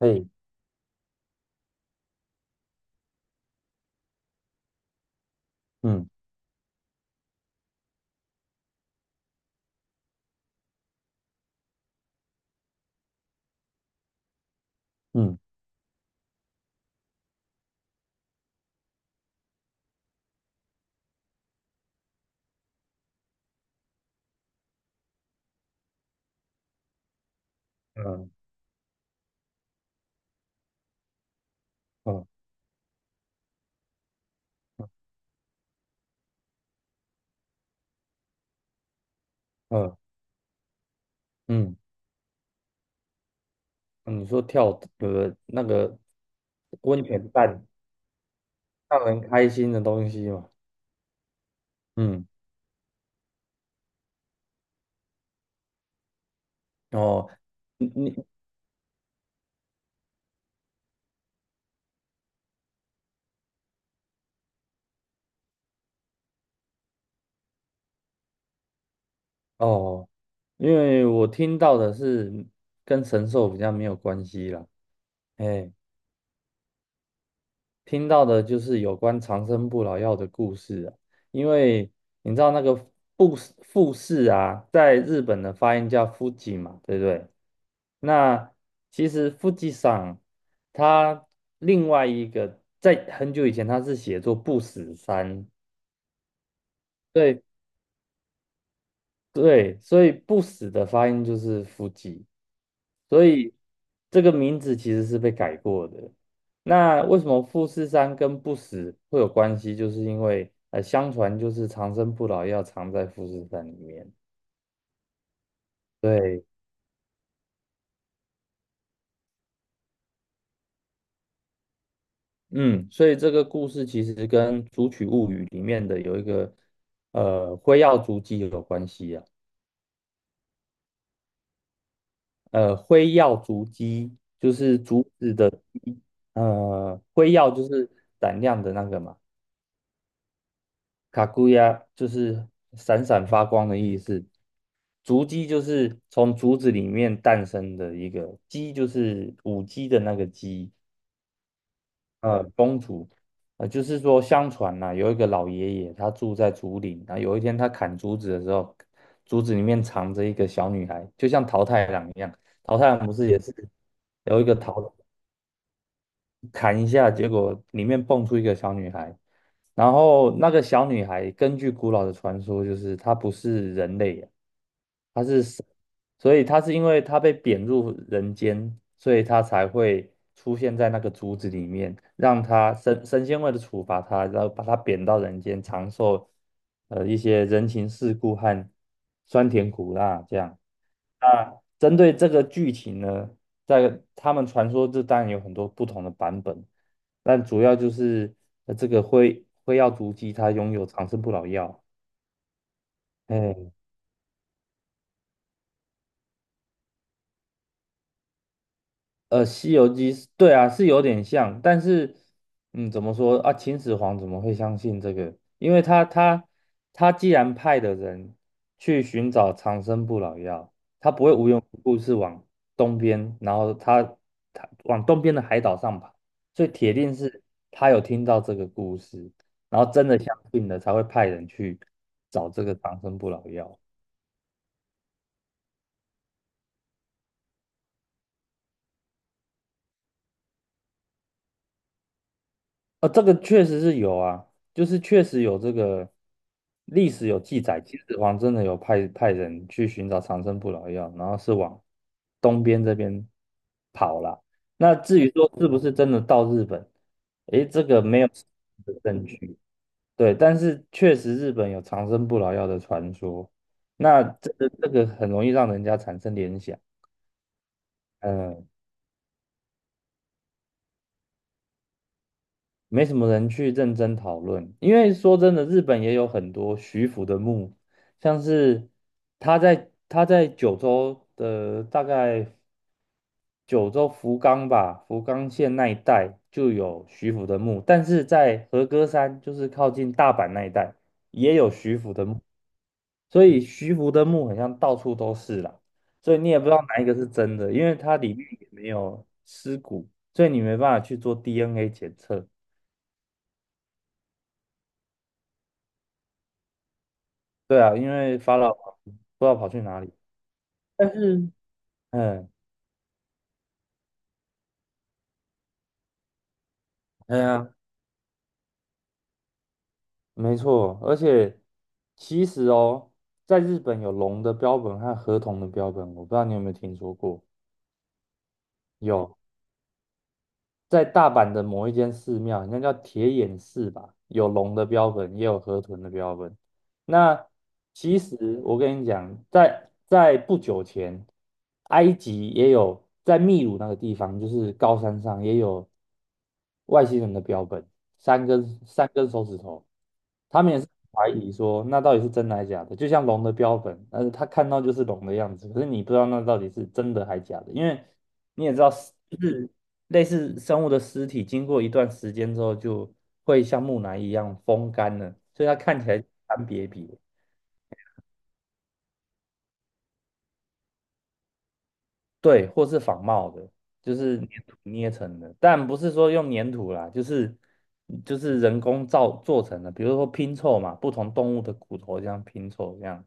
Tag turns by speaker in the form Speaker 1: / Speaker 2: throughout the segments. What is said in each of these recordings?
Speaker 1: 嘿，嗯嗯嗯嗯嗯嗯。嗯你说跳那个温泉蛋让人开心的东西嘛？嗯，哦，你哦，因为我听到的是跟神兽比较没有关系啦，哎，听到的就是有关长生不老药的故事啊。因为你知道那个富士富士啊，在日本的发音叫 f u 嘛，对不对？那其实 Fuji 上它另外一个在很久以前它是写作不死山。对对，所以不死的发音就是 f u。 所以这个名字其实是被改过的。那为什么富士山跟不死会有关系？就是因为相传就是长生不老药藏在富士山里面。对，嗯，所以这个故事其实跟《竹取物语》里面的有一个辉耀竹鸡有关系啊。辉耀竹鸡就是竹子的鸡。辉耀就是胆量的那个嘛。卡古亚就是闪闪发光的意思，竹鸡就是从竹子里面诞生的一个鸡，就是舞鸡的那个鸡。公主，就是说相传呐、有一个老爷爷他住在竹林，然后有一天他砍竹子的时候，竹子里面藏着一个小女孩，就像桃太郎一样。桃太郎不是也是有一个桃。砍一下，结果里面蹦出一个小女孩。然后那个小女孩根据古老的传说，就是她不是人类啊，她是神，所以她是因为她被贬入人间，所以她才会出现在那个竹子里面，让她神仙为了处罚她，然后把她贬到人间，尝受一些人情世故和酸甜苦辣这样。那针对这个剧情呢，在他们传说这当然有很多不同的版本，但主要就是这个辉耀足迹它拥有长生不老药。哎，《西游记》是对啊，是有点像。但是，嗯，怎么说啊？秦始皇怎么会相信这个？因为他既然派的人去寻找长生不老药，他不会无缘无故是往东边，然后他往东边的海岛上跑，所以铁定是他有听到这个故事，然后真的相信了，才会派人去找这个长生不老药。这个确实是有啊，就是确实有这个历史有记载，秦始皇真的有派人去寻找长生不老药，然后是往东边这边跑了。那至于说是不是真的到日本，诶，这个没有实质的证据。对，但是确实日本有长生不老药的传说，那这个很容易让人家产生联想。嗯、没什么人去认真讨论，因为说真的，日本也有很多徐福的墓，像是他在九州的大概九州福冈吧，福冈县那一带就有徐福的墓，但是在和歌山，就是靠近大阪那一带也有徐福的墓，所以徐福的墓好像到处都是啦，所以你也不知道哪一个是真的，因为它里面也没有尸骨，所以你没办法去做 DNA 检测。对啊，因为法老不知道跑去哪里。但是，嗯，哎呀，没错。而且其实哦，在日本有龙的标本和河童的标本，我不知道你有没有听说过？有，在大阪的某一间寺庙，应该叫铁眼寺吧，有龙的标本，也有河豚的标本。那其实我跟你讲，在不久前，埃及也有。在秘鲁那个地方，就是高山上也有外星人的标本，三根手指头。他们也是怀疑说那到底是真的还是假的，就像龙的标本，但是他看到就是龙的样子，可是你不知道那到底是真的还假的。因为。你也知道，就是类似生物的尸体，经过一段时间之后，就会像木乃伊一样风干了，所以它看起来干瘪瘪。对，或是仿冒的，就是粘土捏成的，但不是说用粘土啦，就是人工造做成的，比如说拼凑嘛，不同动物的骨头这样拼凑这样。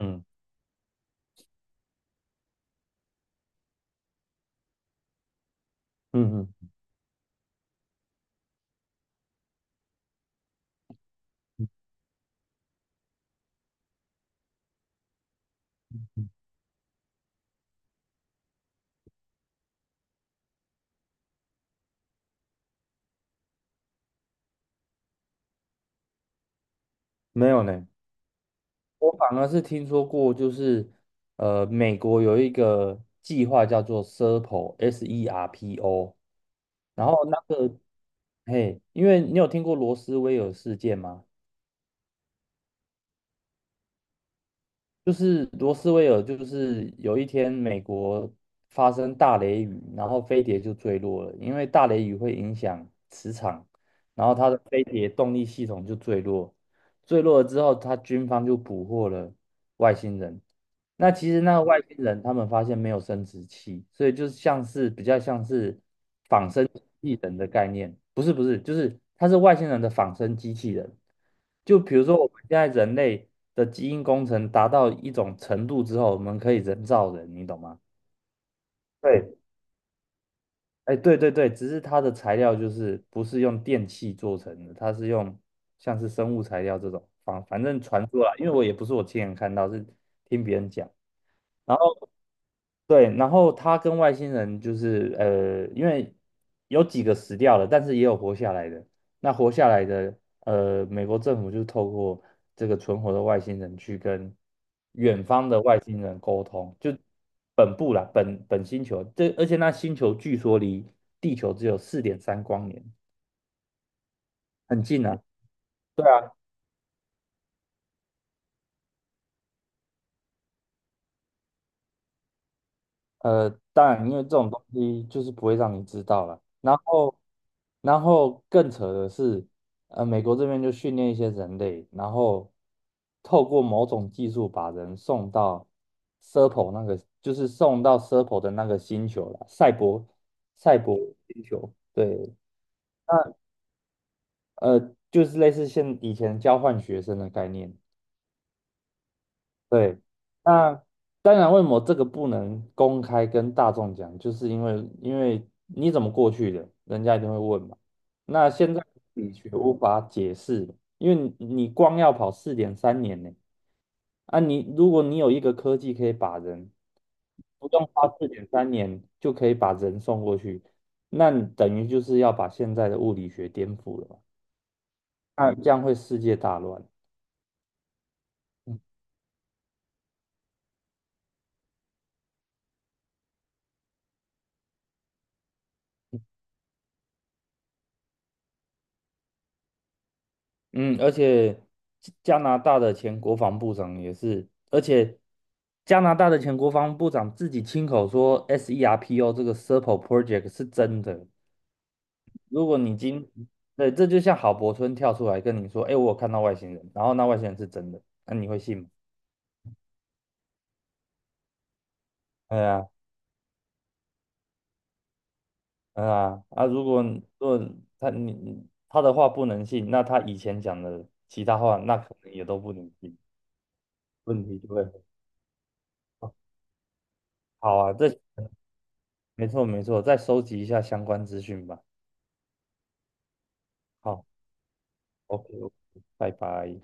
Speaker 1: 嗯嗯嗯。嗯没有呢。我反而是听说过，就是美国有一个计划叫做 SERPO，S E R P O，S E R P O。然后那个，嘿，因为你有听过罗斯威尔事件吗？就是罗斯威尔，就是有一天美国发生大雷雨，然后飞碟就坠落了，因为大雷雨会影响磁场，然后它的飞碟动力系统就坠落。坠落了之后，它军方就捕获了外星人。那其实那个外星人他们发现没有生殖器，所以就是像是比较像是仿生机器人的概念。不是不是，就是它是外星人的仿生机器人。就比如说我们现在人类的基因工程达到一种程度之后，我们可以人造人，你懂吗？对，哎，对对对，只是它的材料就是不是用电器做成的，它是用像是生物材料这种，反正传出来，因为我也不是我亲眼看到，是听别人讲。然后对，然后他跟外星人就是因为有几个死掉了，但是也有活下来的。那活下来的，美国政府就透过这个存活的外星人去跟远方的外星人沟通，就本部啦，本星球，这而且那星球据说离地球只有4.3光年，很近啊。当然，因为这种东西就是不会让你知道了。然后更扯的是，美国这边就训练一些人类，然后透过某种技术把人送到 Serpo 那个，就是送到 Serpo 的那个星球了，赛博星球。对，那就是类似现以前交换学生的概念。对，那当然，为什么这个不能公开跟大众讲？就是因为你怎么过去的，人家一定会问嘛。那现在理学无法解释了，因为你光要跑四点三年呢。啊你，如果你有一个科技可以把人不用花四点三年就可以把人送过去，那你等于就是要把现在的物理学颠覆了嘛？那这样会世界大乱。嗯嗯，而且加加拿大的前国防部长也是，而且加拿大的前国防部长自己亲口说 SERPO 这个 Serpo Project 是真的。如果你今，对，这就像郝柏村跳出来跟你说，哎，我有看到外星人，然后那外星人是真的，那、你会信吗？哎呀，哎呀，啊，如果他的话不能信，那他以前讲的其他话，那可能也都不能信，问题就会很大。好啊，这。没错没错，再收集一下相关资讯吧。好，OK，OK，拜拜。